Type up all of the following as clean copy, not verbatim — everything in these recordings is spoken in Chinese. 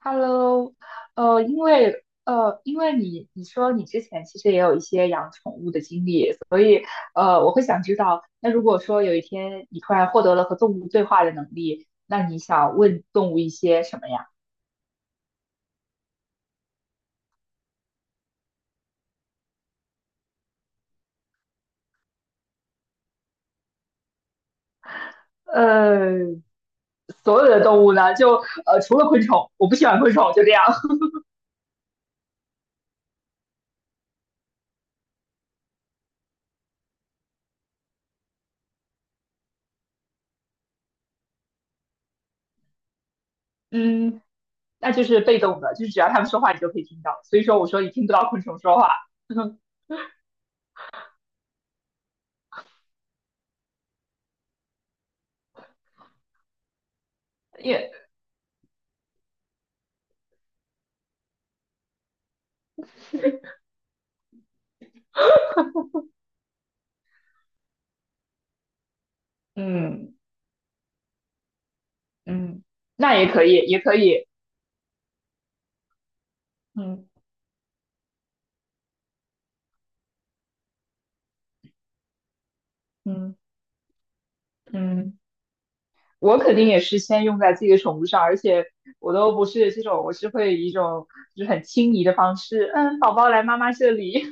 Hello,因为因为你说你之前其实也有一些养宠物的经历，所以我会想知道，那如果说有一天你突然获得了和动物对话的能力，那你想问动物一些什么呀？呃，所有的动物呢，就除了昆虫，我不喜欢昆虫，就这样。嗯，那就是被动的，就是只要它们说话，你就可以听到。所以说，我说你听不到昆虫说话，也嗯嗯，那也可以，也可以，嗯。嗯嗯，我肯定也是先用在自己的宠物上，而且我都不是这种，我是会以一种就是很轻昵的方式，嗯，宝宝来妈妈这里，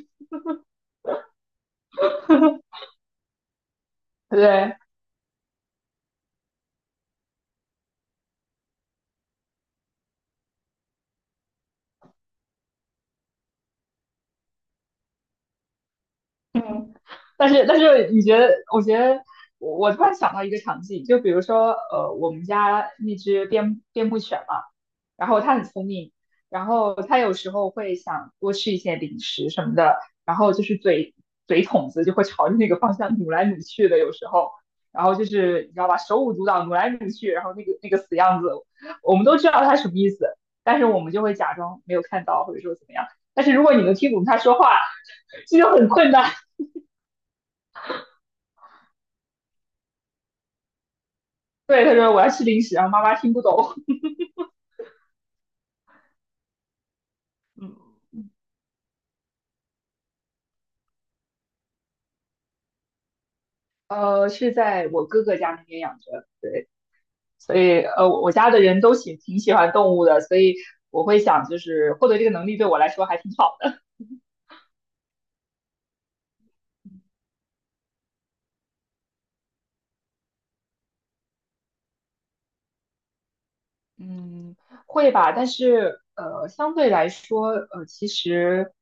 对，嗯，但是，你觉得？我觉得我突然想到一个场景，就比如说，我们家那只边牧犬嘛，然后它很聪明，然后它有时候会想多吃一些零食什么的，然后就是嘴筒子就会朝着那个方向努来努去的，有时候，然后就是你知道吧，手舞足蹈努来努去，然后那个死样子，我们都知道它什么意思，但是我们就会假装没有看到，或者说怎么样。但是如果你能听懂它说话，这就很困难。对，他说我要吃零食，然后妈妈听不懂。是在我哥哥家那边养着，对，所以我家的人都挺喜欢动物的，所以我会想，就是获得这个能力对我来说还挺好。嗯，会吧，但是相对来说，其实，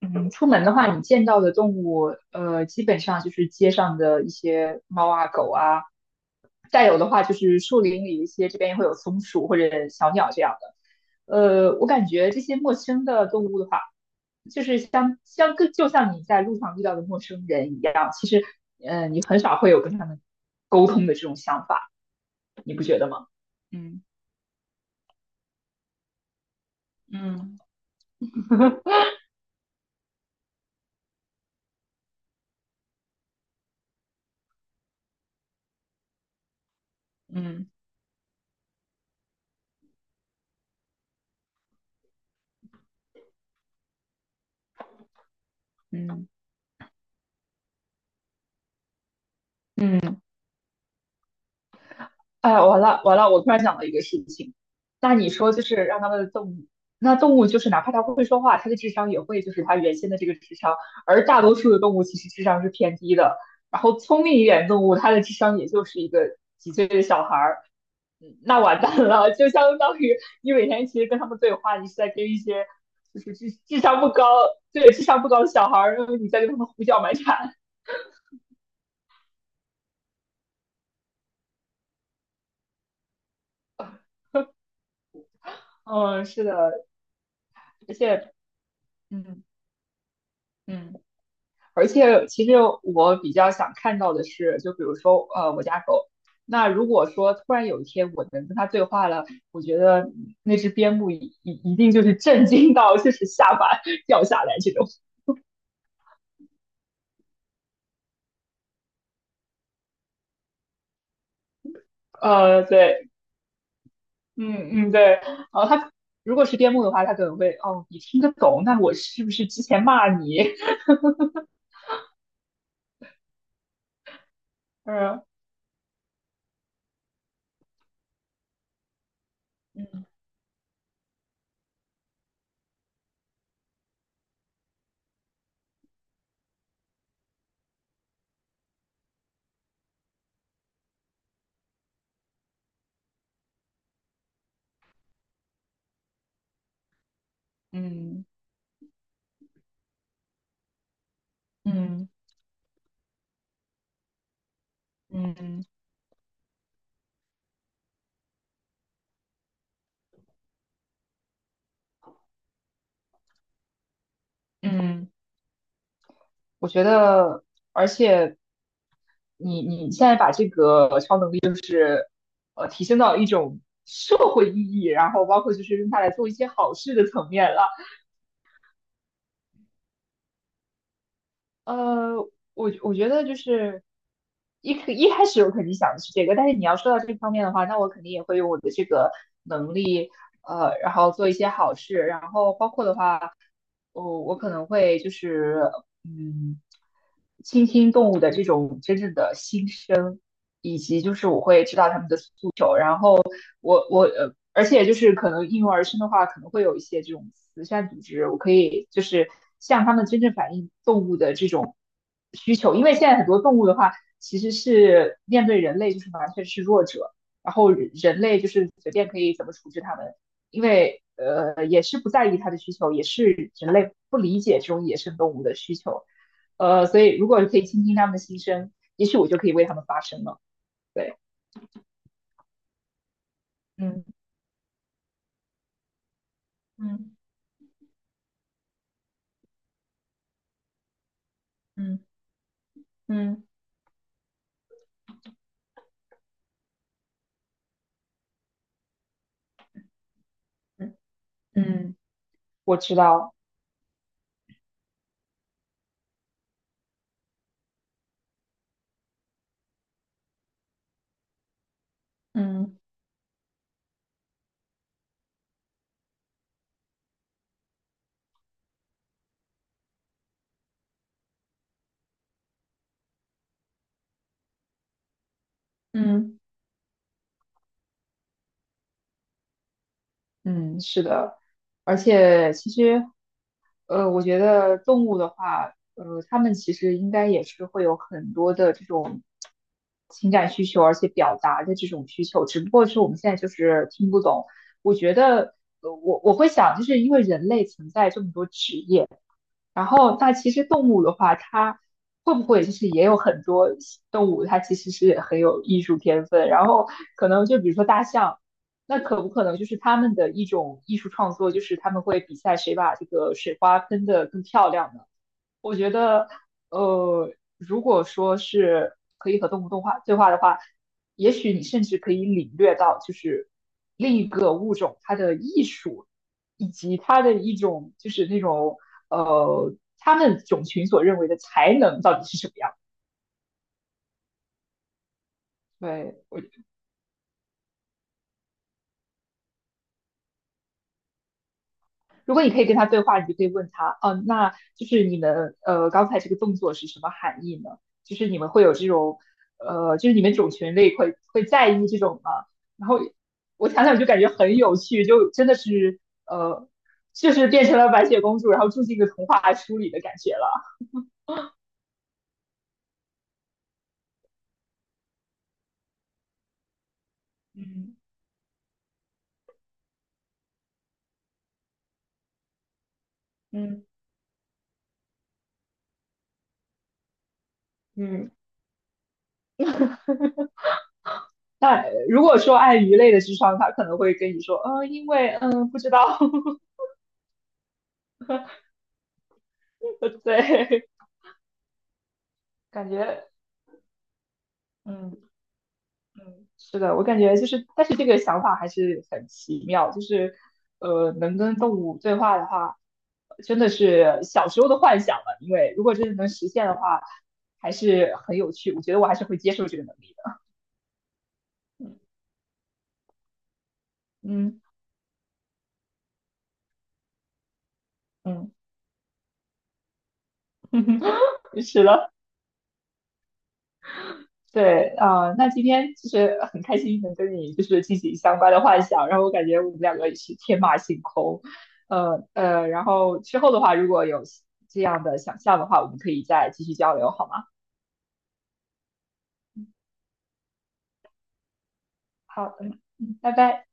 嗯，出门的话，你见到的动物，基本上就是街上的一些猫啊、狗啊，再有的话就是树林里一些，这边也会有松鼠或者小鸟这样的。我感觉这些陌生的动物的话，就是像像跟就像你在路上遇到的陌生人一样，其实，你很少会有跟他们沟通的这种想法，你不觉得吗？嗯嗯，嗯嗯嗯，哎呀，完了完了，我突然想到一个事情，那你说就是让他们的动物，那动物就是哪怕它会说话，它的智商也会就是它原先的这个智商，而大多数的动物其实智商是偏低的，然后聪明一点动物，它的智商也就是一个几岁的小孩儿，嗯那完蛋了，就相当于你每天其实跟他们对话，你是在跟一些就是智商不高，对，智商不高的小孩儿，然后你在跟他们胡搅蛮缠，嗯，是的，而且，嗯嗯。而且其实我比较想看到的是，就比如说呃我家狗，那如果说突然有一天我能跟它对话了，我觉得那只边牧一定就是震惊到就是下巴掉下来这种。对，嗯嗯对，然后它如果是边牧的话，它可能会哦你听得懂，那我是不是之前骂你？嗯嗯嗯嗯嗯嗯，我觉得，而且。你你现在把这个超能力。提升到一种社会意义，然后包括就是用它来做一些好事的层面了。呃，我觉得就是一开始我肯定想的是这个，但是你要说到这方面的话，那我肯定也会用我的这个能力，然后做一些好事，然后包括的话。哦，我可能会就是，嗯，倾听动物的这种真正的心声，以及就是我会知道它们的诉求，然后我而且就是可能应运而生的话，可能会有一些这种慈善组织，我可以就是向他们真正反映动物的这种需求，因为现在很多动物的话，其实是面对人类就是完全是弱者，然后人类就是随便可以怎么处置它们。因为也是不在意它的需求，也是人类不理解这种野生动物的需求，所以如果可以倾听他们的心声，也许我就可以为他们发声了。对，嗯嗯嗯嗯嗯嗯，我知道，嗯嗯嗯，是的，而且其实我觉得动物的话，它们其实应该也是会有很多的这种情感需求，而且表达的这种需求，只不过是我们现在就是听不懂。我觉得，我会想，就是因为人类存在这么多职业。然后，那其实动物的话，它会不会就是也有很多动物，它其实是很有艺术天分。然后，可能就比如说大象，那可不可能就是他们的一种艺术创作，就是他们会比赛谁把这个水花喷得更漂亮呢？我觉得，如果说是可以和动物动画对话的话，也许你甚至可以领略到，就是另一个物种它的艺术，以及它的一种就是那种他们种群所认为的才能到底是什么样。对，我。如果你可以跟他对话，你就可以问他，嗯、那就是你们刚才这个动作是什么含义呢？就是你们会有这种就是你们种群类会在意这种吗？然后我想想就感觉很有趣，就真的是呃，就是变成了白雪公主，然后住进一个童话书里的感觉了。嗯嗯嗯，那如果说按鱼类的智商，他可能会跟你说，嗯、因为嗯、不知道，对，感觉嗯嗯，是的，我感觉就是，但是这个想法还是很奇妙，就是，能跟动物对话的话，真的是小时候的幻想了。因为如果真的能实现的话，还是很有趣。我觉得我还是会接受这个能力的。嗯嗯，是的。对，啊，那今天就是很开心能跟你就是进行相关的幻想，然后我感觉我们两个也是天马行空，然后之后的话如果有这样的想象的话，我们可以再继续交流，好吗？好，嗯，嗯拜拜。